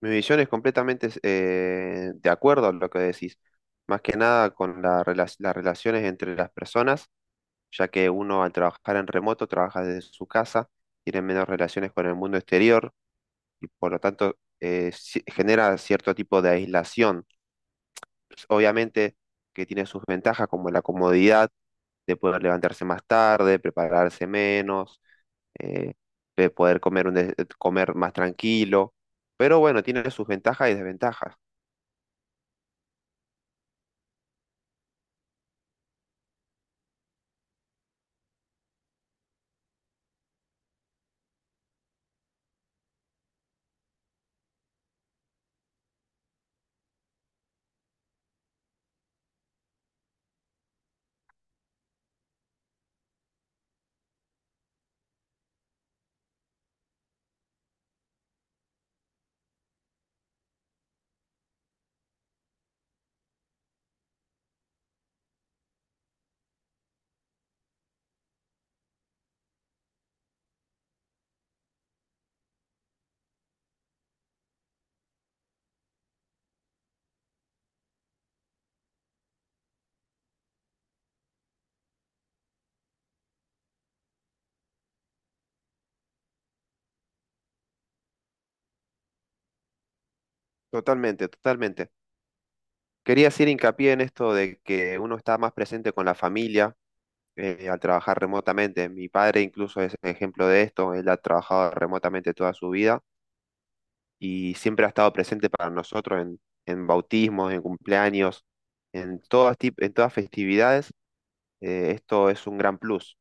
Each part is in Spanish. Mi visión es completamente de acuerdo a lo que decís. Más que nada con la las relaciones entre las personas, ya que uno al trabajar en remoto trabaja desde su casa, tiene menos relaciones con el mundo exterior y por lo tanto genera cierto tipo de aislación. Obviamente que tiene sus ventajas como la comodidad de poder levantarse más tarde, prepararse menos, eh, de poder comer, comer más tranquilo, pero bueno, tiene sus ventajas y desventajas. Totalmente, totalmente. Quería hacer hincapié en esto de que uno está más presente con la familia al trabajar remotamente. Mi padre incluso es ejemplo de esto. Él ha trabajado remotamente toda su vida y siempre ha estado presente para nosotros en bautismos, en cumpleaños, en en todas festividades. Esto es un gran plus.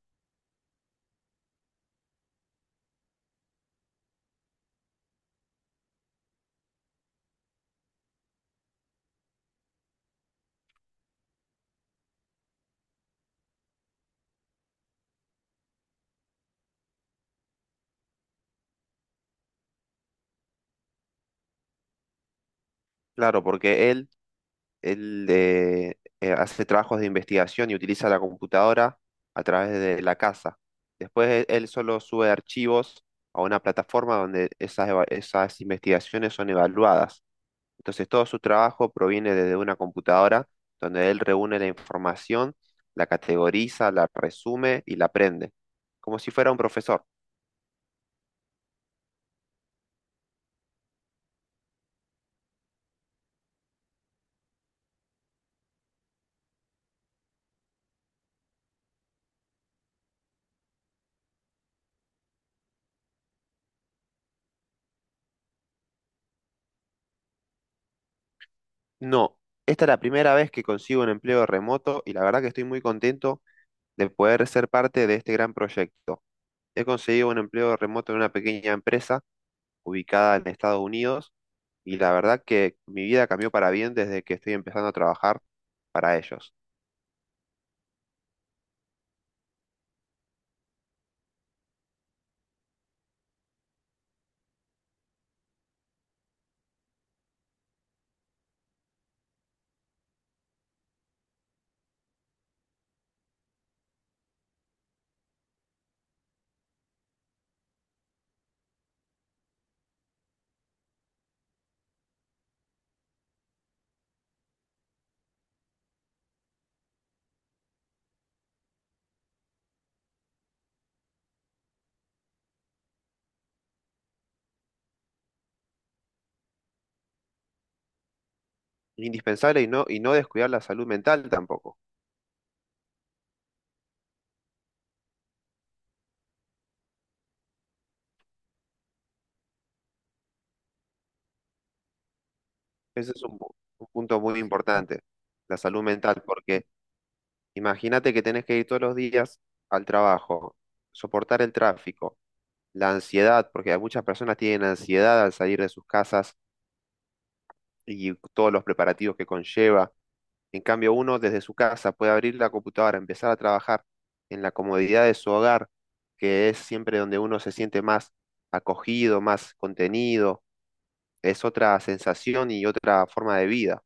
Claro, porque él hace trabajos de investigación y utiliza la computadora a través de la casa. Después él solo sube archivos a una plataforma donde esas investigaciones son evaluadas. Entonces todo su trabajo proviene desde una computadora donde él reúne la información, la categoriza, la resume y la aprende, como si fuera un profesor. No, esta es la primera vez que consigo un empleo remoto y la verdad que estoy muy contento de poder ser parte de este gran proyecto. He conseguido un empleo remoto en una pequeña empresa ubicada en Estados Unidos y la verdad que mi vida cambió para bien desde que estoy empezando a trabajar para ellos. Indispensable y no descuidar la salud mental tampoco. Ese es un punto muy importante, la salud mental, porque imagínate que tenés que ir todos los días al trabajo, soportar el tráfico, la ansiedad, porque muchas personas tienen ansiedad al salir de sus casas y todos los preparativos que conlleva. En cambio, uno desde su casa puede abrir la computadora, empezar a trabajar en la comodidad de su hogar, que es siempre donde uno se siente más acogido, más contenido, es otra sensación y otra forma de vida.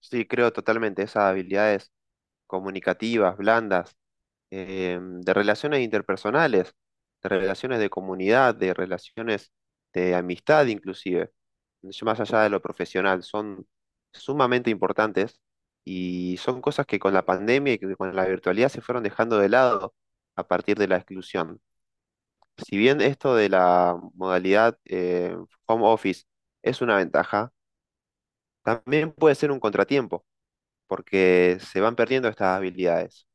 Sí, creo totalmente esas habilidades comunicativas, blandas, de relaciones interpersonales, de relaciones de comunidad, de relaciones de amistad inclusive, más allá de lo profesional, son sumamente importantes y son cosas que con la pandemia y que con la virtualidad se fueron dejando de lado a partir de la exclusión. Si bien esto de la modalidad home office es una ventaja, también puede ser un contratiempo porque se van perdiendo estas habilidades.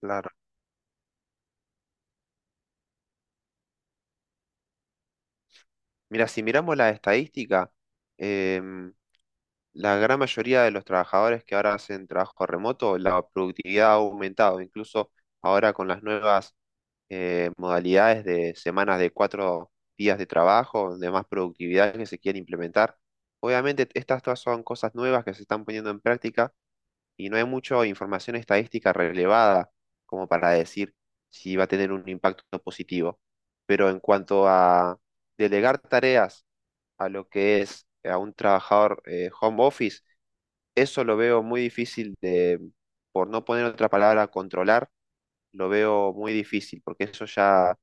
Claro. Mira, si miramos la estadística, em, la gran mayoría de los trabajadores que ahora hacen trabajo remoto, la productividad ha aumentado, incluso ahora con las nuevas modalidades de semanas de 4 días de trabajo, de más productividad que se quiere implementar. Obviamente, estas todas son cosas nuevas que se están poniendo en práctica y no hay mucha información estadística relevada como para decir si va a tener un impacto positivo. Pero en cuanto a delegar tareas, a lo que es a un trabajador home office, eso lo veo muy difícil de, por no poner otra palabra, controlar, lo veo muy difícil, porque eso ya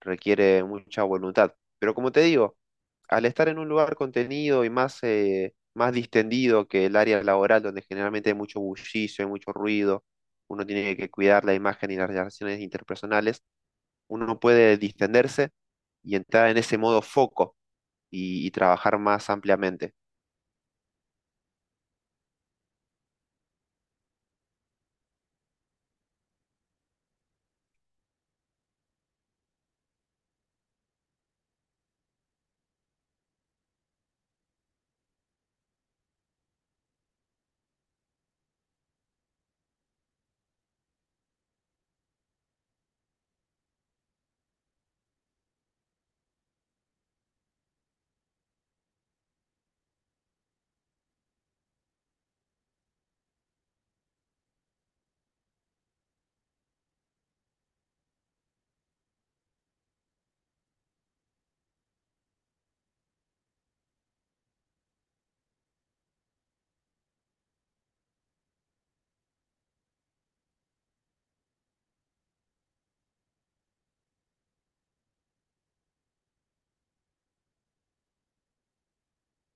requiere mucha voluntad. Pero como te digo, al estar en un lugar contenido y más, más distendido que el área laboral, donde generalmente hay mucho bullicio, hay mucho ruido, uno tiene que cuidar la imagen y las relaciones interpersonales, uno no puede distenderse y entrar en ese modo foco y trabajar más ampliamente.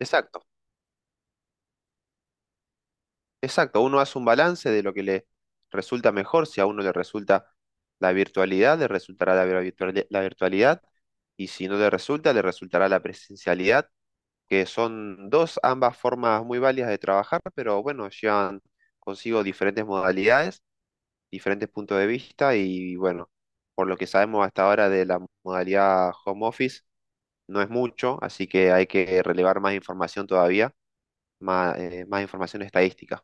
Exacto, exacto. Uno hace un balance de lo que le resulta mejor. Si a uno le resulta la virtualidad, le resultará la la virtualidad. Y si no le resulta, le resultará la presencialidad, que son dos, ambas formas muy válidas de trabajar, pero bueno, llevan consigo diferentes modalidades, diferentes puntos de vista y bueno, por lo que sabemos hasta ahora de la modalidad home office, no es mucho, así que hay que relevar más información todavía, más, más información estadística.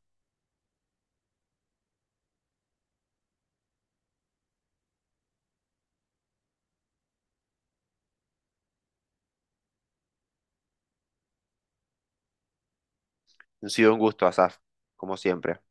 Ha sido un gusto, Asaf, como siempre.